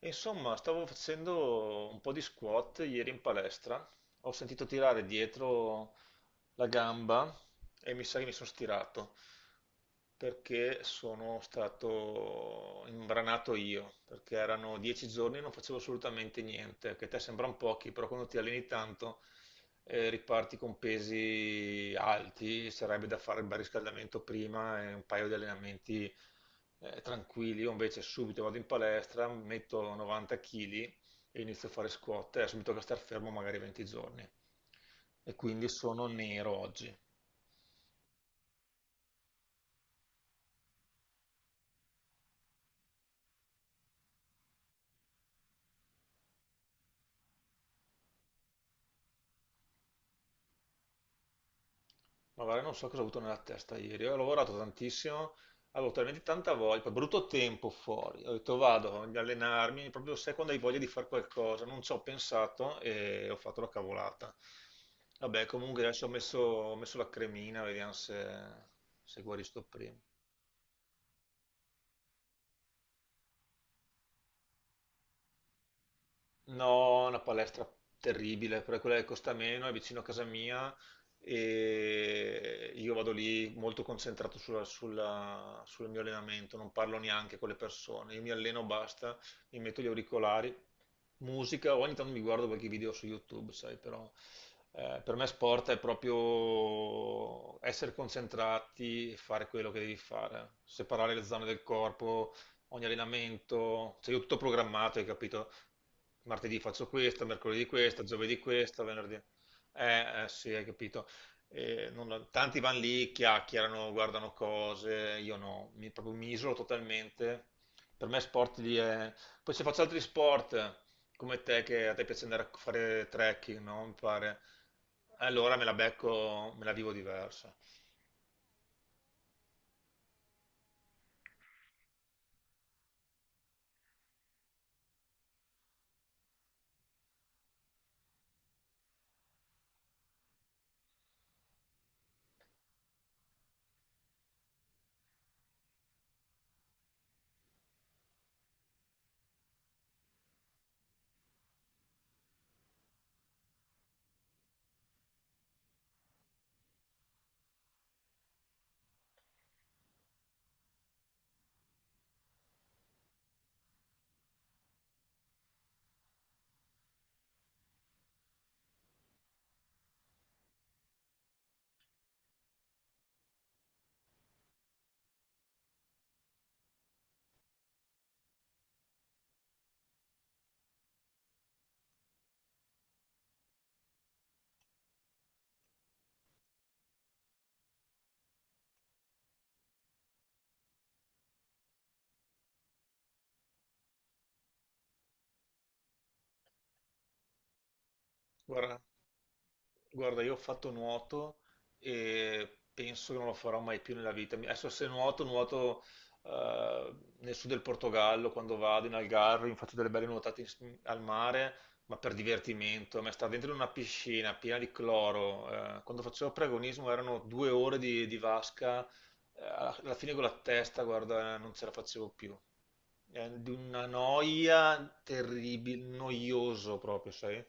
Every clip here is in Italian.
E insomma, stavo facendo un po' di squat ieri in palestra, ho sentito tirare dietro la gamba e mi sa che mi sono stirato perché sono stato imbranato io, perché erano 10 giorni e non facevo assolutamente niente, che a te sembrano pochi, però quando ti alleni tanto, riparti con pesi alti, sarebbe da fare il bel riscaldamento prima e un paio di allenamenti tranquilli. Io invece subito vado in palestra, metto 90 kg e inizio a fare squat e subito che star fermo magari 20 giorni. E quindi sono nero oggi. Ma guarda, non so cosa ho avuto nella testa ieri. Ho lavorato tantissimo, avevo talmente tanta voglia, poi brutto tempo fuori. Ho detto vado ad allenarmi, proprio sai quando hai voglia di fare qualcosa. Non ci ho pensato e ho fatto la cavolata. Vabbè, comunque adesso ho messo la cremina, vediamo se guarisco prima. No, una palestra terribile, però è quella che costa meno, è vicino a casa mia e io vado lì molto concentrato sul mio allenamento, non parlo neanche con le persone, io mi alleno, basta, mi metto gli auricolari, musica, ogni tanto mi guardo qualche video su YouTube, sai, però per me sport è proprio essere concentrati e fare quello che devi fare, separare le zone del corpo, ogni allenamento, cioè io ho tutto programmato, hai capito? Martedì faccio questo, mercoledì questo, giovedì questo, venerdì... Eh, sì, hai capito. Tanti vanno lì, chiacchierano, guardano cose, io no, proprio mi isolo totalmente. Per me sport lì è... Poi se faccio altri sport, come te, che a te piace andare a fare trekking, no? Mi pare. Allora me la becco, me la vivo diversa. Guarda, Guarda, io ho fatto nuoto e penso che non lo farò mai più nella vita. Adesso se nuoto, nuoto eh, nel sud del Portogallo, quando vado in Algarve, mi faccio delle belle nuotate al mare, ma per divertimento. A me stare dentro una piscina piena di cloro, quando facevo preagonismo erano 2 ore di vasca, alla fine con la testa, guarda, non ce la facevo più. È di una noia terribile, noioso proprio, sai?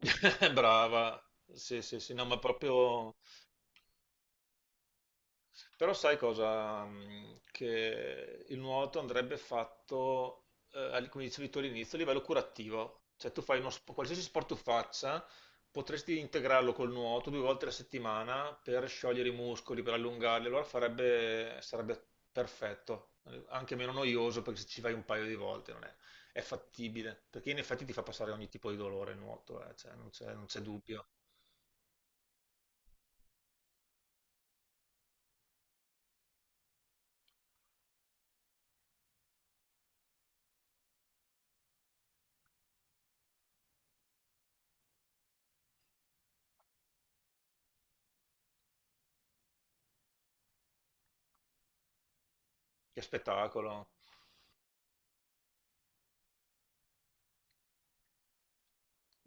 Brava, sì, sì, sì, no, ma proprio... Però sai cosa? Che il nuoto andrebbe fatto, come dicevi tu all'inizio, a livello curativo. Cioè tu fai qualsiasi sport tu faccia, potresti integrarlo col nuoto 2 volte alla settimana per sciogliere i muscoli, per allungarli, allora farebbe, sarebbe perfetto, anche meno noioso perché se ci vai un paio di volte non è, è fattibile, perché in effetti ti fa passare ogni tipo di dolore il nuoto, cioè, non c'è dubbio. Che spettacolo!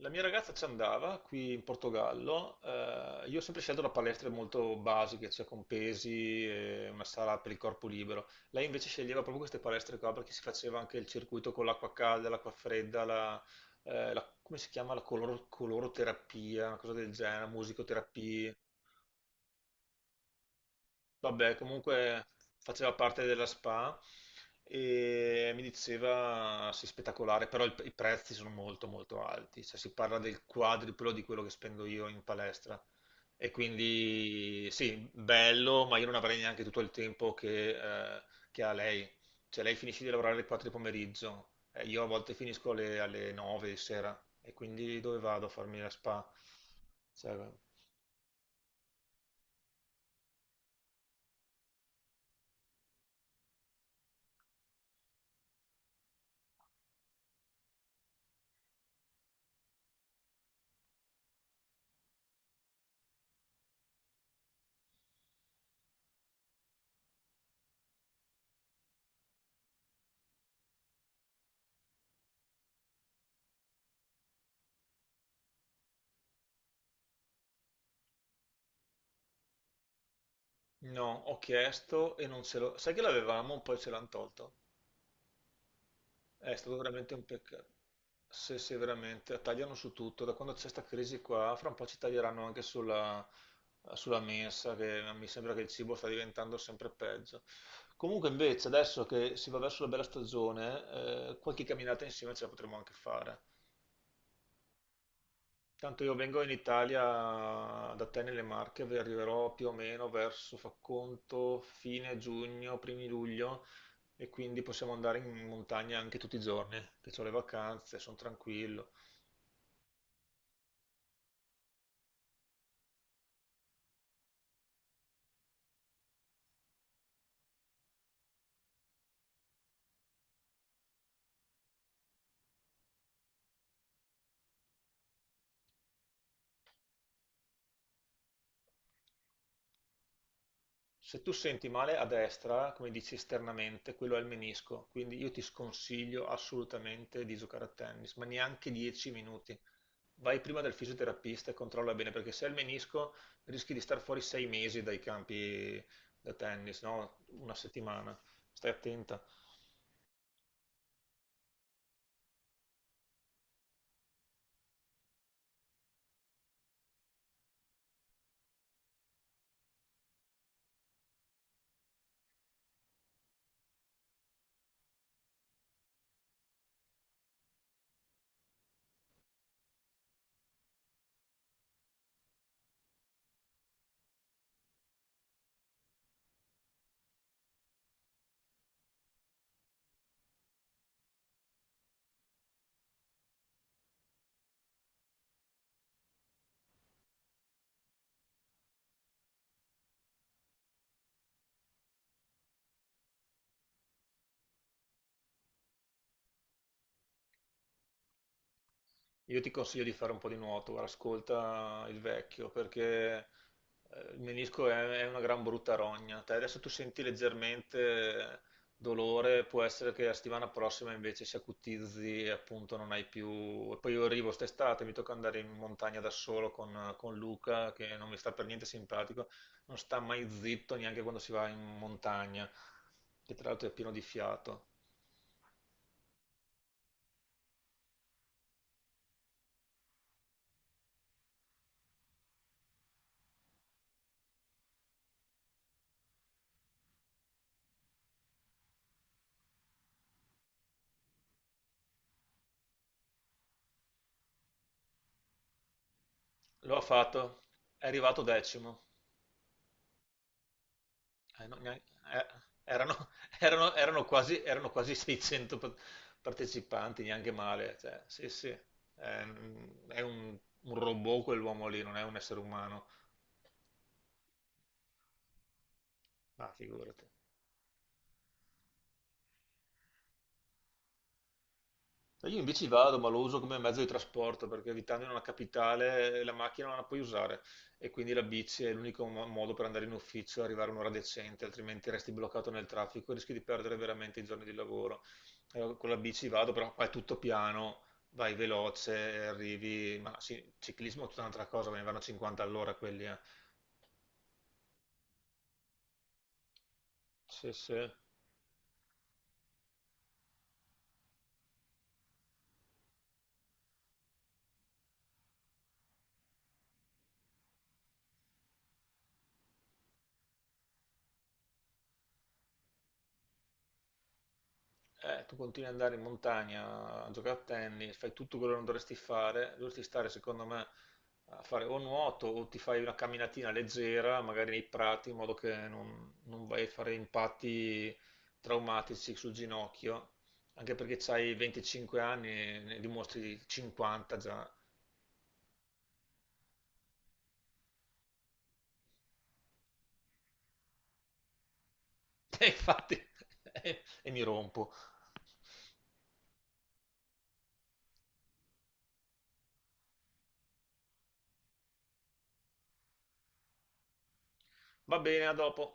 La mia ragazza ci andava qui in Portogallo. Io ho sempre scelto da palestre molto basiche, cioè con pesi e una sala per il corpo libero. Lei invece sceglieva proprio queste palestre qua perché si faceva anche il circuito con l'acqua calda, l'acqua fredda, la, come si chiama? La coloroterapia, una cosa del genere, musicoterapia. Vabbè, comunque faceva parte della SPA e mi diceva, sì, spettacolare, però i prezzi sono molto molto alti, cioè si parla del quadruplo di quello che spendo io in palestra. E quindi sì, bello, ma io non avrei neanche tutto il tempo eh, che ha lei. Cioè lei finisce di lavorare alle 4 di pomeriggio, io a volte finisco alle 9 di sera e quindi dove vado a farmi la SPA? Cioè, no, ho chiesto e non ce l'ho. Sai che l'avevamo, poi ce l'hanno tolto. È stato veramente un peccato. Se veramente tagliano su tutto, da quando c'è questa crisi qua, fra un po' ci taglieranno anche sulla, mensa, che mi sembra che il cibo sta diventando sempre peggio. Comunque invece, adesso che si va verso la bella stagione, qualche camminata insieme ce la potremo anche fare. Tanto io vengo in Italia da te nelle Marche, vi arriverò più o meno verso, fa conto, fine giugno, primi luglio, e quindi possiamo andare in montagna anche tutti i giorni, che ho le vacanze, sono tranquillo. Se tu senti male a destra, come dici esternamente, quello è il menisco, quindi io ti sconsiglio assolutamente di giocare a tennis, ma neanche 10 minuti. Vai prima dal fisioterapista e controlla bene, perché se è il menisco rischi di star fuori 6 mesi dai campi da tennis, no? Una settimana. Stai attenta. Io ti consiglio di fare un po' di nuoto, guarda, ascolta il vecchio, perché il menisco è una gran brutta rogna. Te adesso tu senti leggermente dolore, può essere che la settimana prossima invece si acutizzi e appunto non hai più... E poi io arrivo quest'estate, mi tocca andare in montagna da solo con Luca, che non mi sta per niente simpatico, non sta mai zitto neanche quando si va in montagna, che tra l'altro è pieno di fiato. Lo ha fatto, è arrivato 10°. Eh, no, neanche- eh, erano, erano quasi 600 partecipanti, neanche male. Cioè, sì, sì, è, un, è un- un robot quell'uomo lì, non è un essere umano. Ah, figurati. Io in bici vado, ma lo uso come mezzo di trasporto perché abitando in una capitale la macchina non la puoi usare e quindi la bici è l'unico modo per andare in ufficio e arrivare a un'ora decente, altrimenti resti bloccato nel traffico e rischi di perdere veramente i giorni di lavoro. Allora, con la bici vado, però qua è tutto piano, vai veloce, e arrivi, ma sì, ciclismo è tutta un'altra cosa, ve ne vanno 50 all'ora quelli, eh. Sì, sì. Tu continui ad andare in montagna a giocare a tennis, fai tutto quello che non dovresti fare, dovresti stare, secondo me, a fare o nuoto o ti fai una camminatina leggera, magari nei prati, in modo che non vai a fare impatti traumatici sul ginocchio, anche perché hai 25 anni e ne dimostri 50 già. E infatti, e mi rompo. Va bene, a dopo.